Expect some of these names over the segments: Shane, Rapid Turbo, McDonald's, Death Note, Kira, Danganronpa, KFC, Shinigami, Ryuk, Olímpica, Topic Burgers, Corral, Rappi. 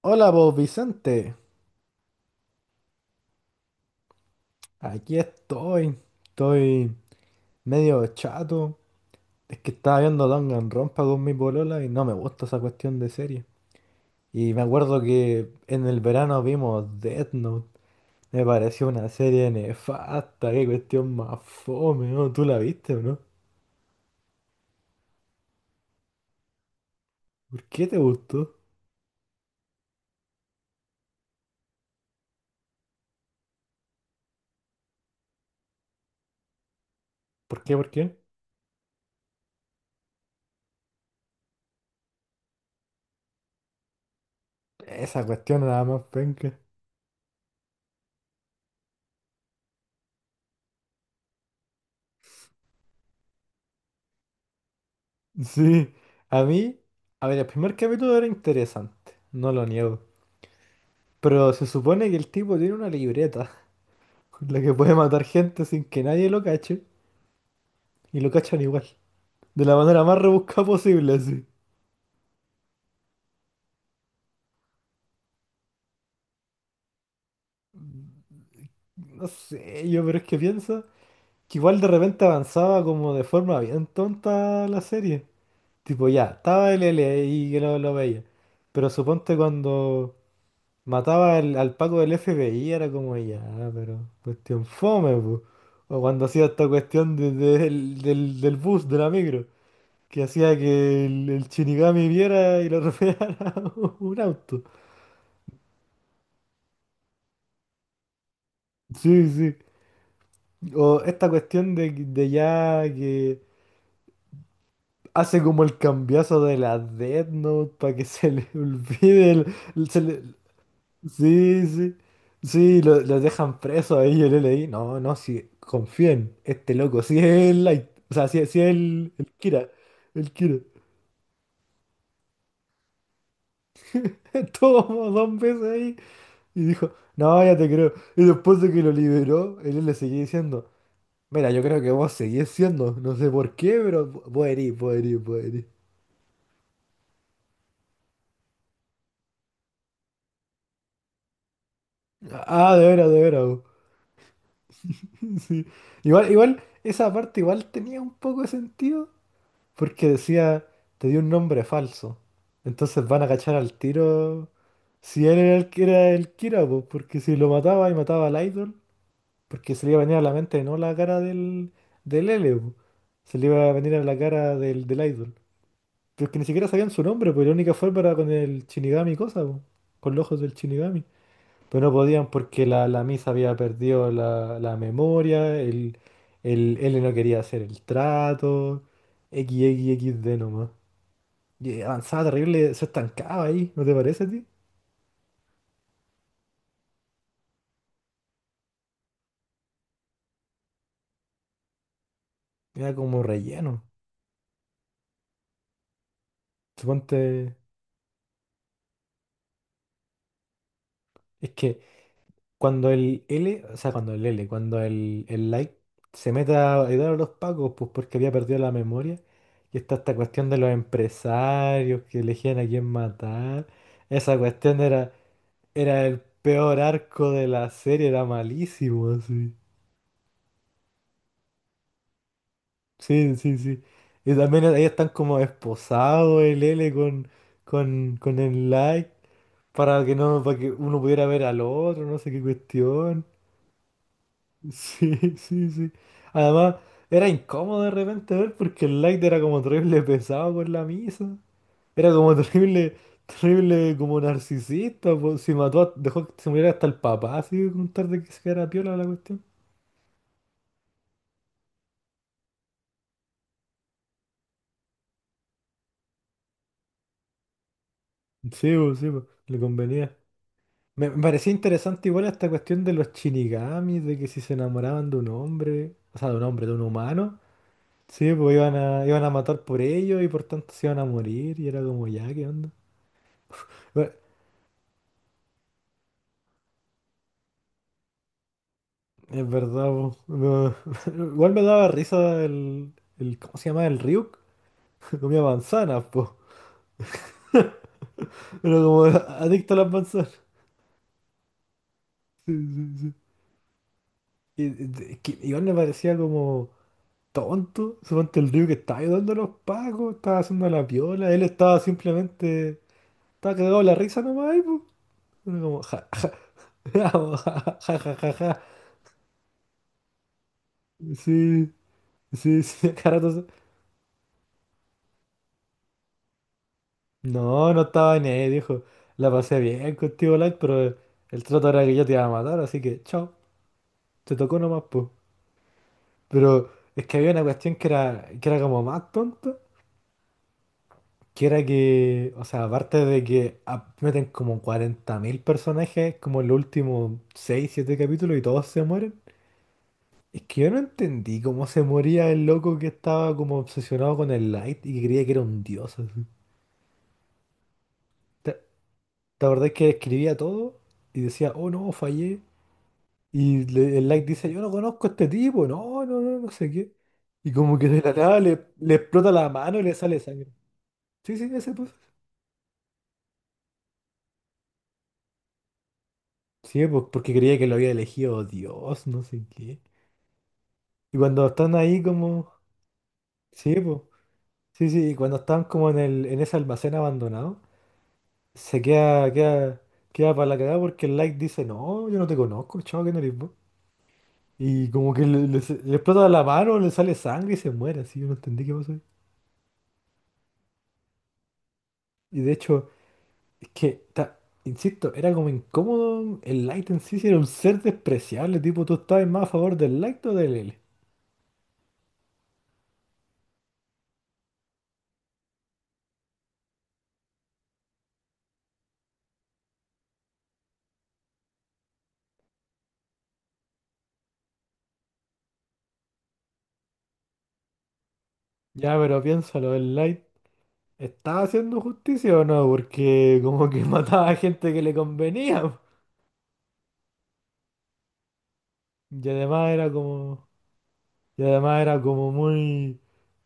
Hola, vos Vicente. Aquí estoy. Estoy medio chato. Es que estaba viendo Danganronpa con mi polola y no me gusta esa cuestión de serie. Y me acuerdo que en el verano vimos Death Note. Me pareció una serie nefasta. Qué cuestión más fome, ¿no? ¿Tú la viste o no? ¿Por qué te gustó? ¿Por qué? ¿Por qué? Esa cuestión era la más penca. Sí. A mí, a ver, el primer capítulo era interesante. No lo niego. Pero se supone que el tipo tiene una libreta con la que puede matar gente sin que nadie lo cache, y lo cachan igual, de la manera más rebuscada posible, así. No sé, yo, pero es que pienso que igual de repente avanzaba como de forma bien tonta la serie. Tipo, ya, estaba el L y que lo veía. Pero suponte cuando mataba al Paco del FBI, era como ya, pero cuestión fome, po. O cuando hacía esta cuestión del bus, de la micro, que hacía que el Shinigami viera y lo atropellara un auto. Sí, sí. O esta cuestión de ya que hace como el cambiazo de la Death Note para que se le olvide el, el- se le- sí, sí. Sí, lo dejan preso ahí, yo le leí. No, no, sí, confíen, este loco, sí es el Light, o sea, sí, sí es el Kira, el Kira. Estuvo como dos veces ahí. Y dijo, no, ya te creo. Y después de que lo liberó, él le seguía diciendo, mira, yo creo que vos seguís siendo, no sé por qué, pero vos herís, vos herís, vos herís. Ah, de veras, de veras, vos. Sí. Igual, igual, esa parte igual tenía un poco de sentido, porque decía, te dio un nombre falso. Entonces van a cachar al tiro si él era el que era el Kira, pues, porque si lo mataba y mataba al idol, porque se le iba a venir a la mente no la cara del, del L, po, se le iba a venir a la cara del, del idol. Pero es que ni siquiera sabían su nombre, pues la única forma era con el Shinigami y cosa, po, con los ojos del Shinigami. Pero no podían porque la Misa había perdido la memoria, el L no quería hacer el trato, XXXD nomás. Y avanzaba terrible, se estancaba ahí, ¿no te parece a ti? Era como relleno. Suponte. Es que cuando el L, o sea, cuando el L, cuando el Like se meta a ayudar a los pacos, pues porque había perdido la memoria. Y está esta cuestión de los empresarios que elegían a quién matar. Esa cuestión era, era el peor arco de la serie, era malísimo, así. Sí, sí, sí. Y también ahí están como esposados el L con el Like para que no, para que uno pudiera ver al otro, no sé qué cuestión. Sí, sí, sí. Además, era incómodo de repente ver porque el light era como terrible pesado con la misa. Era como terrible, terrible como narcisista, po. Si mató, dejó que se muriera hasta el papá, así con tal de que se quedara piola la cuestión. Sí, po, le convenía. Me parecía interesante igual esta cuestión de los shinigamis, de que si se enamoraban de un hombre, o sea, de un hombre, de un humano, sí, pues iban a, iban a matar por ellos y por tanto se iban a morir y era como ya, ¿qué onda? Es verdad, po. No. Igual me daba risa el, el. ¿Cómo se llama? El Ryuk. Comía manzanas, po. Era como adicto a las manzanas. Sí, sí, sí. Y es que igual me parecía como tonto. Suponte el Ryuk que estaba ayudando a los pacos, estaba haciendo la piola. Él estaba simplemente. Estaba cagado de la risa nomás, ahí, po. Era como. Ja, ja, ja, ja, ja, ja. Sí, sí, sí. Cada rato. No, no estaba en él, dijo. La pasé bien contigo, Light, pero el trato era que yo te iba a matar, así que chao. Te tocó nomás, pues. Pero es que había una cuestión que era como más tonta, que era que, o sea, aparte de que meten como 40.000 personajes como en los últimos 6, 7 capítulos y todos se mueren, es que yo no entendí cómo se moría el loco que estaba como obsesionado con el Light y que creía que era un dios, así. ¿Te, te acordás que escribía todo y decía, oh no, fallé? Y el like dice, yo no conozco a este tipo, no, no, no, no sé qué. Y como que de la nada le explota la mano y le sale sangre. Sí, sí, ese pues. Sí, pues porque creía que lo había elegido Dios, no sé qué. Y cuando están ahí como... Sí, pues. Sí, sí, y cuando están como en el, en ese almacén abandonado, se queda, queda, queda para la cagada porque el like dice, no, yo no te conozco, chavo, que no eres vos. Y como que le, le explota la mano, le sale sangre y se muere, así, yo no entendí qué pasó ahí. Y de hecho... Es que, insisto, era como incómodo. El light en sí sí era un ser despreciable. Tipo, tú estabas más a favor del light o del L. Ya, pero piénsalo, el light estaba haciendo justicia o no, porque como que mataba a gente que le convenía. Y además era como. Y además era como muy.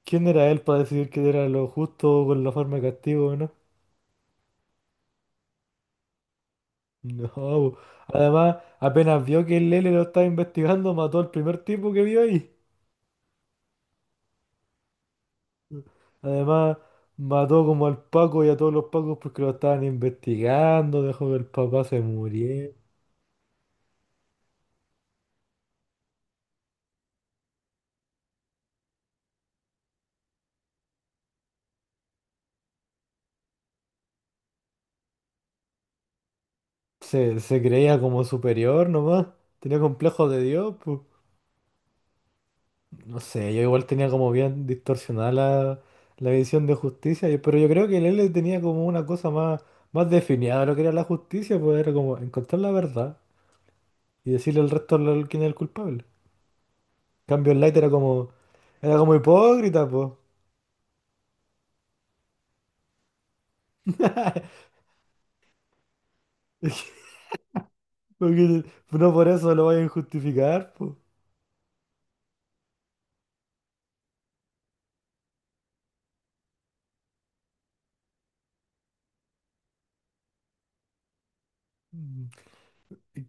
¿Quién era él para decidir qué era lo justo con la forma de castigo o no? No, po. Además, apenas vio que el L lo estaba investigando, mató al primer tipo que vio ahí. Además, mató como al Paco y a todos los Pacos porque lo estaban investigando, dejó que el papá se muriera. Se creía como superior nomás, tenía complejos de Dios, pues. No sé, yo igual tenía como bien distorsionada la visión de justicia, pero yo creo que el L tenía como una cosa más, más definida de lo que era la justicia, pues era como encontrar la verdad y decirle al resto quién es el culpable. En cambio, el Light era como hipócrita, pues. Porque no por eso lo vayan a justificar, po.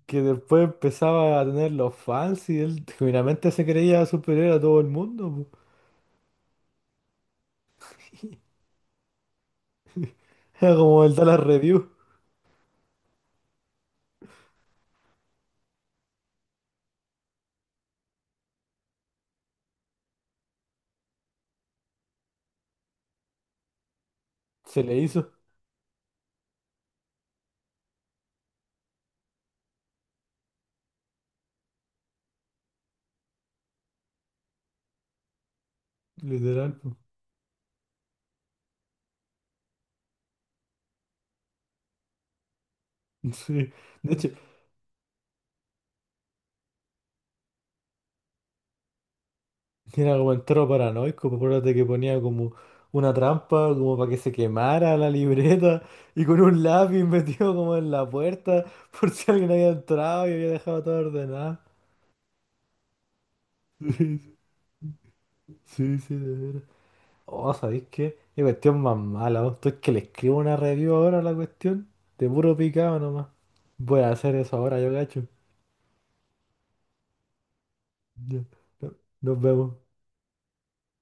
Que después empezaba a tener los fans y él genuinamente se creía superior a todo el mundo, po. Era como el Dallas Review. Se le hizo, literal, po. Sí. De hecho, era como entero paranoico, po. Acuérdate que ponía como una trampa, como para que se quemara la libreta, y con un lápiz metido como en la puerta, por si alguien había entrado y había dejado todo ordenado. Sí, sí, sí, de veras. Oh, ¿sabéis qué? Qué cuestión más mala, vos. Tú es que le escribo una review ahora a la cuestión. De puro picado nomás. Voy a hacer eso ahora, yo gacho. Ya, no- nos vemos.